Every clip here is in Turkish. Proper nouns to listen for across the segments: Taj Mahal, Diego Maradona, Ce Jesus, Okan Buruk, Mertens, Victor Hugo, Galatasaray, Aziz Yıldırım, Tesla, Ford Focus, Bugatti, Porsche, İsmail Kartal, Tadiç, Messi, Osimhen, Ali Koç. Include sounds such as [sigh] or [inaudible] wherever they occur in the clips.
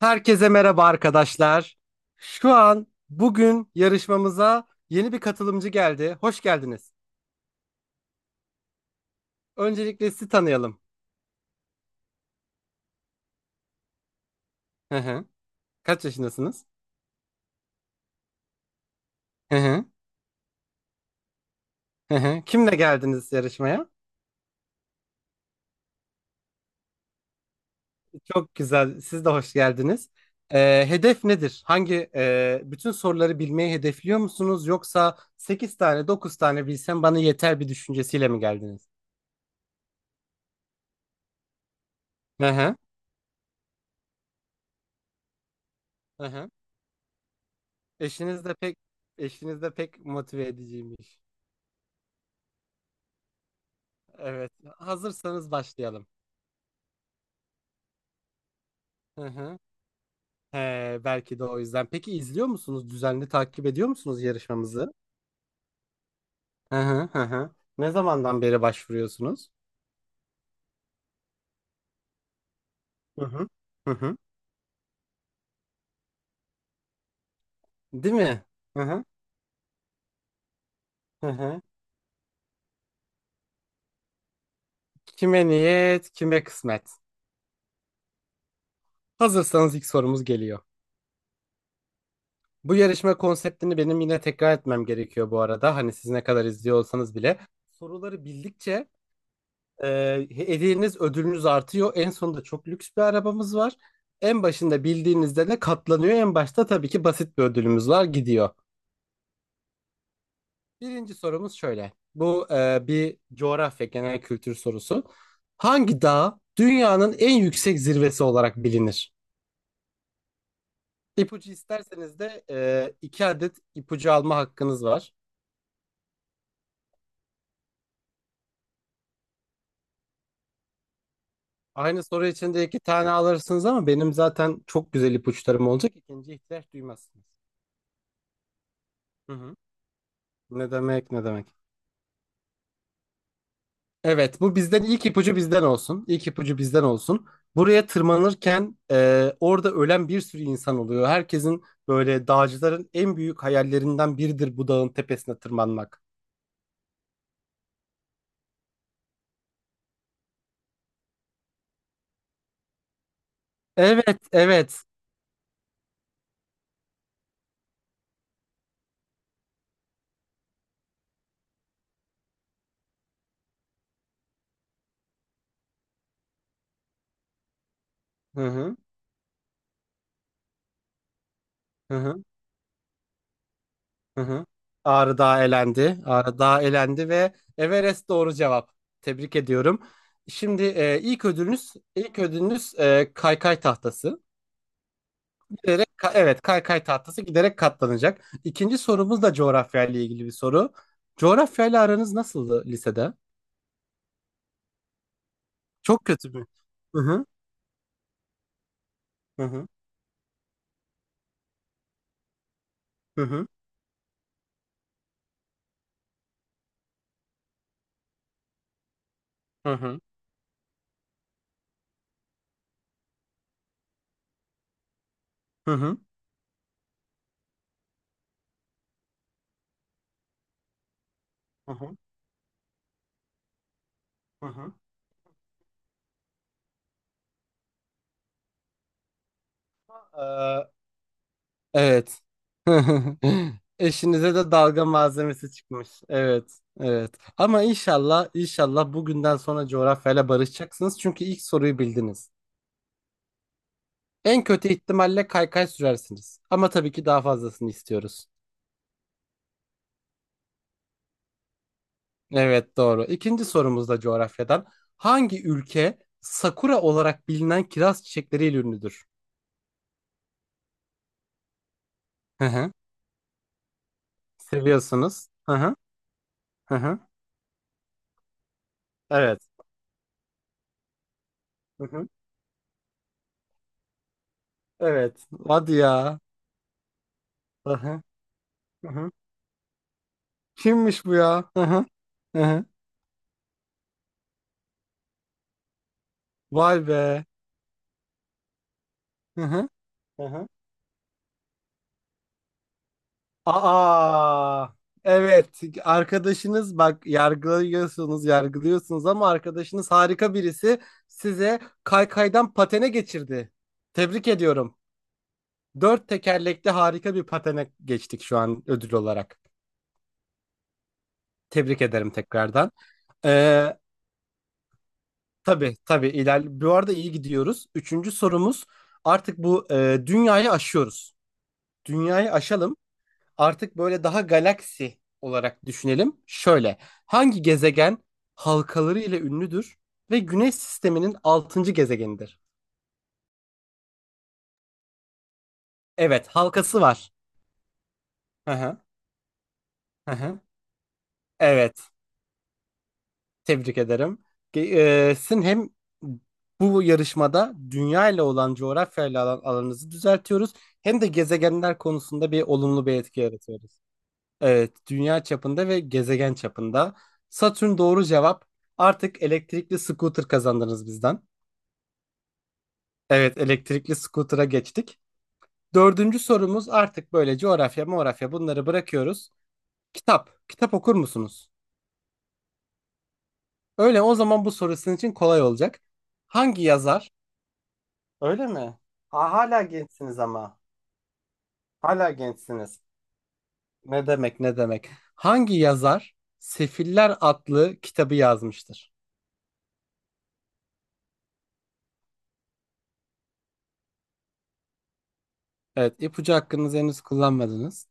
Herkese merhaba arkadaşlar. Şu an bugün yarışmamıza yeni bir katılımcı geldi. Hoş geldiniz. Öncelikle sizi tanıyalım. Hı hı. Kaç yaşındasınız? Hı hı. Hı hı. Kimle geldiniz yarışmaya? Çok güzel. Siz de hoş geldiniz. Hedef nedir? Bütün soruları bilmeyi hedefliyor musunuz? Yoksa 8 tane 9 tane bilsem bana yeter bir düşüncesiyle mi geldiniz? Hı hı. Hı hı. Eşiniz de pek eşiniz de pek motive ediciymiş. Evet. Hazırsanız başlayalım. Hı hı. He, belki de o yüzden. Peki izliyor musunuz? Düzenli takip ediyor musunuz yarışmamızı? Hı hı hı hı. Ne zamandan beri başvuruyorsunuz? Hı hı. Hı hı. Değil mi? Hı hı. Hı hı. Kime niyet, kime kısmet. Hazırsanız ilk sorumuz geliyor. Bu yarışma konseptini benim yine tekrar etmem gerekiyor bu arada. Hani siz ne kadar izliyor olsanız bile. Soruları bildikçe hediyeniz ödülünüz artıyor. En sonunda çok lüks bir arabamız var. En başında bildiğinizde de katlanıyor. En başta tabii ki basit bir ödülümüz var gidiyor. Birinci sorumuz şöyle. Bu bir coğrafya genel kültür sorusu. Hangi dağ dünyanın en yüksek zirvesi olarak bilinir? İpucu isterseniz de iki adet ipucu alma hakkınız var. Aynı soru için de iki tane alırsınız ama benim zaten çok güzel ipuçlarım olacak. İkinci ihtiyaç duymazsınız. Hı hı. Ne demek ne demek. Evet, bu bizden ilk ipucu bizden olsun. İlk ipucu bizden olsun. Buraya tırmanırken orada ölen bir sürü insan oluyor. Herkesin böyle dağcıların en büyük hayallerinden biridir bu dağın tepesine tırmanmak. Evet, evet. Hı hı, hı hı, hı hı. Ağrı Dağı elendi. Ağrı Dağı elendi ve Everest doğru cevap. Tebrik ediyorum. Şimdi ilk ödülünüz, ilk ödülünüz kaykay tahtası. Giderek, evet kaykay tahtası giderek katlanacak. İkinci sorumuz da coğrafyayla ilgili bir soru. Coğrafyayla aranız nasıldı lisede? Çok kötü mü? Hı hı hı hı hı hı hı hı hı hı hı hı. Hı hı. Ee, evet. [laughs] Eşinize de dalga malzemesi çıkmış. Evet, evet. Ama inşallah, inşallah bugünden sonra coğrafyayla barışacaksınız. Çünkü ilk soruyu bildiniz. En kötü ihtimalle kaykay sürersiniz. Ama tabii ki daha fazlasını istiyoruz. Evet doğru. İkinci sorumuz da coğrafyadan. Hangi ülke sakura olarak bilinen kiraz çiçekleriyle ünlüdür? Hı hı. Seviyorsunuz. Hı hı. Hı hı. Evet. Hı hı. Evet. Hadi ya. Hı hı. Hı hı. Kimmiş bu ya? Hı hı. Hı hı. Vay be. Hı hı. Hı hı. Aa. Evet. Arkadaşınız bak yargılıyorsunuz, yargılıyorsunuz ama arkadaşınız harika birisi size kaykaydan patene geçirdi. Tebrik ediyorum. Dört tekerlekli harika bir patene geçtik şu an ödül olarak. Tebrik ederim tekrardan. Ee, tabii tabii iler. Bu arada iyi gidiyoruz. Üçüncü sorumuz artık bu dünyayı aşıyoruz. Dünyayı aşalım. Artık böyle daha galaksi olarak düşünelim. Şöyle hangi gezegen halkaları ile ünlüdür ve Güneş sisteminin altıncı gezegenidir? Evet halkası var. Hı hı, hı hı. Evet. Tebrik ederim. Ge- Sizin hem bu yarışmada dünya ile olan coğrafyayla alanınızı düzeltiyoruz hem de gezegenler konusunda bir olumlu bir etki yaratıyoruz. Evet, dünya çapında ve gezegen çapında. Satürn doğru cevap. Artık elektrikli scooter kazandınız bizden. Evet, elektrikli scooter'a geçtik. Dördüncü sorumuz artık böyle coğrafya, morafya bunları bırakıyoruz. Kitap. Kitap okur musunuz? Öyle o zaman bu soru sizin için kolay olacak. Hangi yazar Öyle mi? Ha, hala gençsiniz ama. Hala gençsiniz. Ne demek ne demek. Hangi yazar Sefiller adlı kitabı yazmıştır? Evet, ipucu hakkınızı henüz kullanmadınız.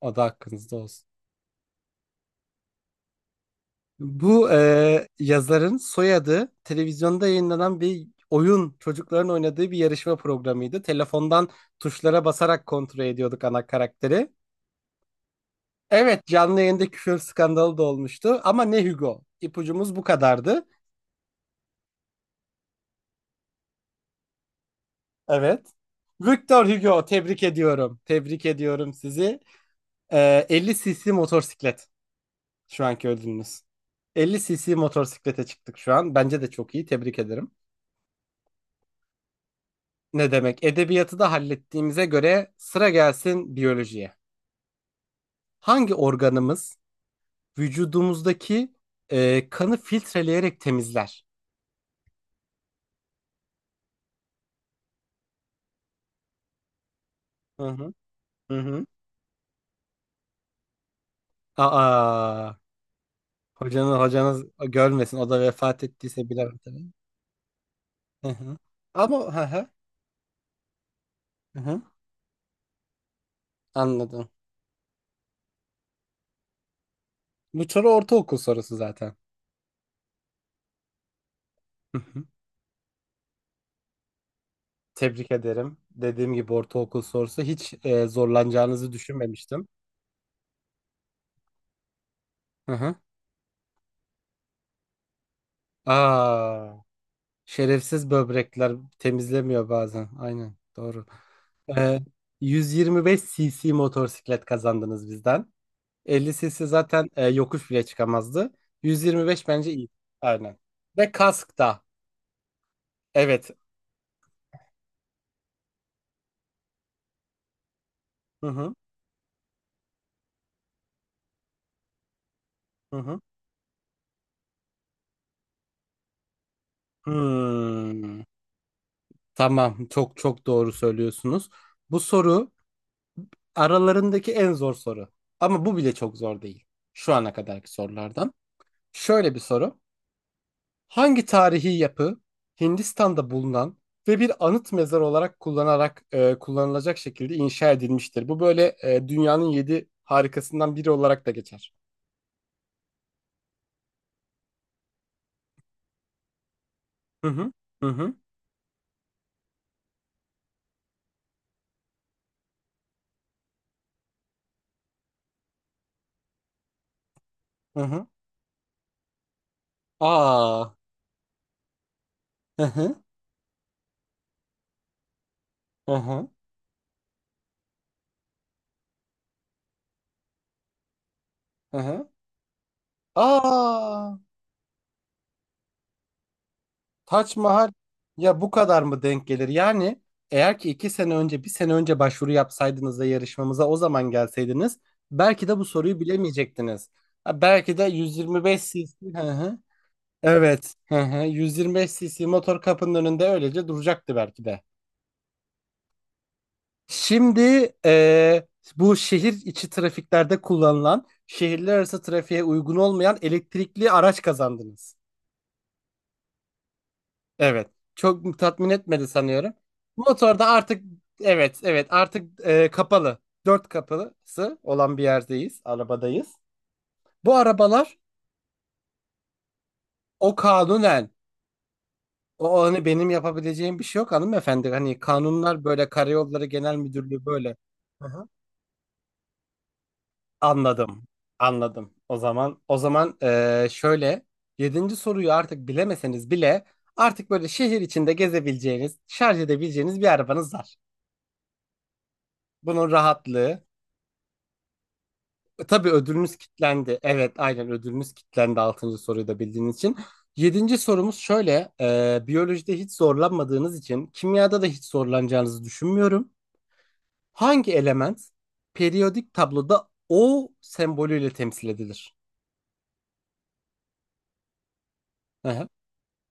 O da hakkınızda olsun. Bu yazarın soyadı televizyonda yayınlanan bir oyun çocukların oynadığı bir yarışma programıydı. Telefondan tuşlara basarak kontrol ediyorduk ana karakteri. Evet, canlı yayında küfür skandalı da olmuştu ama ne Hugo. İpucumuz bu kadardı. Evet. Victor Hugo, tebrik ediyorum. Tebrik ediyorum sizi. 50 cc motosiklet şu anki ödülünüz. 50 cc motosiklete çıktık şu an. Bence de çok iyi. Tebrik ederim. Ne demek? Edebiyatı da hallettiğimize göre sıra gelsin biyolojiye. Hangi organımız vücudumuzdaki kanı filtreleyerek temizler? Hı hı. Hı hı. Aa, hocanız görmesin. O da vefat ettiyse bilemem tabii. Hı hı. Ama hı hı. Hı hı. Anladım. Bu soru ortaokul sorusu zaten. Hı hı. Tebrik ederim. Dediğim gibi ortaokul sorusu hiç zorlanacağınızı düşünmemiştim. Hı hı. Aa, şerefsiz böbrekler temizlemiyor bazen. Aynen doğru. Ee, 125 cc motosiklet kazandınız bizden. 50 cc zaten yokuş bile çıkamazdı. 125 bence iyi. Aynen. Ve kask da. Evet. Hı hı. Hı hı. Hmm. Tamam, çok çok doğru söylüyorsunuz. Bu soru aralarındaki en zor soru. Ama bu bile çok zor değil. Şu ana kadarki sorulardan. Şöyle bir soru. Hangi tarihi yapı Hindistan'da bulunan ve bir anıt mezar olarak kullanılacak şekilde inşa edilmiştir? Bu böyle dünyanın yedi harikasından biri olarak da geçer. Hı hı. Hı hı. Hı hı. Aa. Hı hı. Hı hı. Hı hı. Aa. Taç Mahal, ya bu kadar mı denk gelir? Yani eğer ki iki sene önce, bir sene önce başvuru yapsaydınız da yarışmamıza o zaman gelseydiniz belki de bu soruyu bilemeyecektiniz. Ha, belki de 125 cc hı hı. Evet. Hı hı. 125 cc motor kapının önünde öylece duracaktı belki de. Şimdi bu şehir içi trafiklerde kullanılan, şehirler arası trafiğe uygun olmayan elektrikli araç kazandınız. Evet. Çok tatmin etmedi sanıyorum. Motorda artık evet evet artık kapalı. Dört kapısı olan bir yerdeyiz. Arabadayız. Bu arabalar o kanunen. O hani benim yapabileceğim bir şey yok hanımefendi. Hani kanunlar böyle Karayolları Genel Müdürlüğü böyle. Hı hı. Anladım. Anladım. O zaman şöyle yedinci soruyu artık bilemeseniz bile artık böyle şehir içinde gezebileceğiniz, şarj edebileceğiniz bir arabanız var. Bunun rahatlığı Tabii ödülünüz kilitlendi. Evet, aynen ödülünüz kilitlendi. Altıncı soruyu da bildiğiniz için. Yedinci sorumuz şöyle. Biyolojide hiç zorlanmadığınız için kimyada da hiç zorlanacağınızı düşünmüyorum. Hangi element periyodik tabloda O sembolüyle temsil edilir? Hı hı.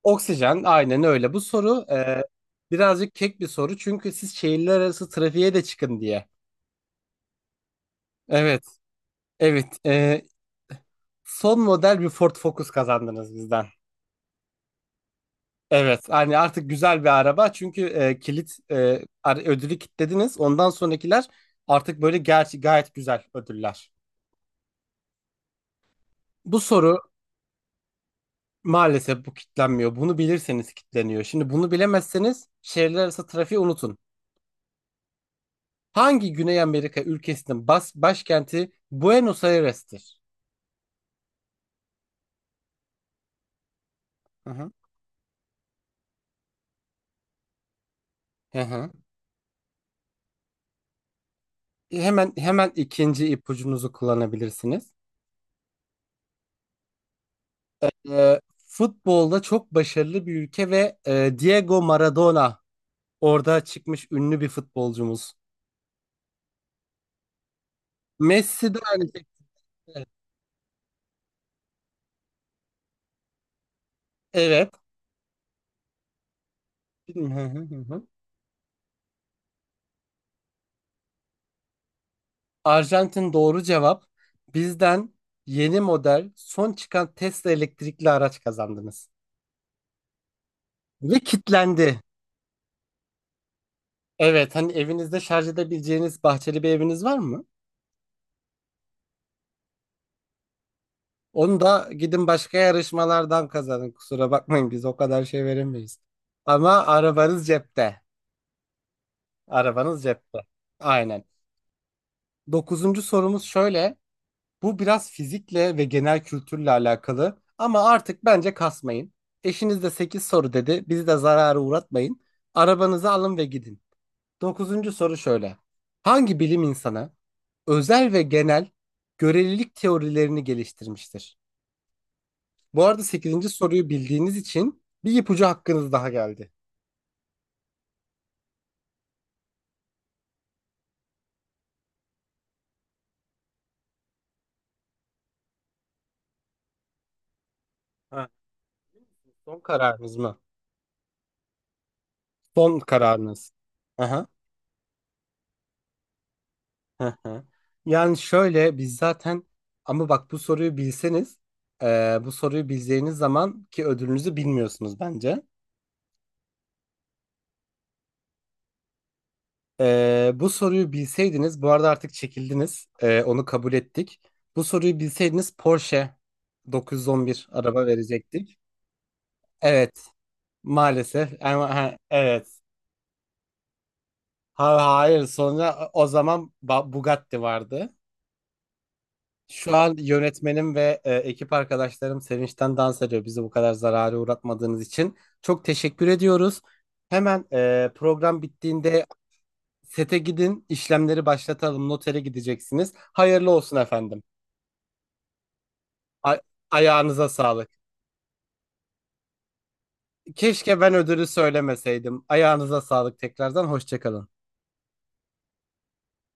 Oksijen, aynen öyle. Bu soru birazcık kek bir soru. Çünkü siz şehirler arası trafiğe de çıkın diye. Evet, evet. Son model bir Ford Focus kazandınız bizden. Evet, hani artık güzel bir araba çünkü ödülü kilitlediniz. Ondan sonrakiler artık böyle gerçi gayet güzel ödüller. Bu soru maalesef bu kilitlenmiyor. Bunu bilirseniz kilitleniyor. Şimdi bunu bilemezseniz şehirler arası trafiği unutun. Hangi Güney Amerika ülkesinin başkenti Buenos Aires'tir? Hı hı. Hı hı. Hemen hemen ikinci ipucunuzu kullanabilirsiniz. Futbolda çok başarılı bir ülke ve Diego Maradona, orada çıkmış ünlü bir futbolcumuz. Messi de aynı şekilde. Evet. [laughs] Arjantin doğru cevap. Bizden yeni model son çıkan Tesla elektrikli araç kazandınız. Ve kitlendi. Evet, hani evinizde şarj edebileceğiniz bahçeli bir eviniz var mı? Onu da gidin başka yarışmalardan kazanın. Kusura bakmayın biz o kadar şey veremeyiz. Ama arabanız cepte. Arabanız cepte. Aynen. Dokuzuncu sorumuz şöyle. Bu biraz fizikle ve genel kültürle alakalı ama artık bence kasmayın. Eşiniz de 8 soru dedi. Bizi de zarara uğratmayın. Arabanızı alın ve gidin. Dokuzuncu soru şöyle. Hangi bilim insanı özel ve genel görelilik teorilerini geliştirmiştir? Bu arada sekizinci soruyu bildiğiniz için bir ipucu hakkınız daha geldi. Ha, son kararınız mı? Son kararınız. Aha. Hı hı. Yani şöyle biz zaten ama bak bu soruyu bilseniz bu soruyu bildiğiniz zaman ki ödülünüzü bilmiyorsunuz bence. Bu soruyu bilseydiniz bu arada artık çekildiniz onu kabul ettik. Bu soruyu bilseydiniz Porsche 911 araba verecektik. Evet, maalesef ama ha, evet. Ha, hayır sonra o zaman Bugatti vardı. Şu an yönetmenim ve ekip arkadaşlarım sevinçten dans ediyor bizi bu kadar zarara uğratmadığınız için. Çok teşekkür ediyoruz. Hemen program bittiğinde sete gidin, işlemleri başlatalım. Notere gideceksiniz. Hayırlı olsun efendim. A- Ayağınıza sağlık. Keşke ben ödülü söylemeseydim. Ayağınıza sağlık tekrardan. Hoşça kalın.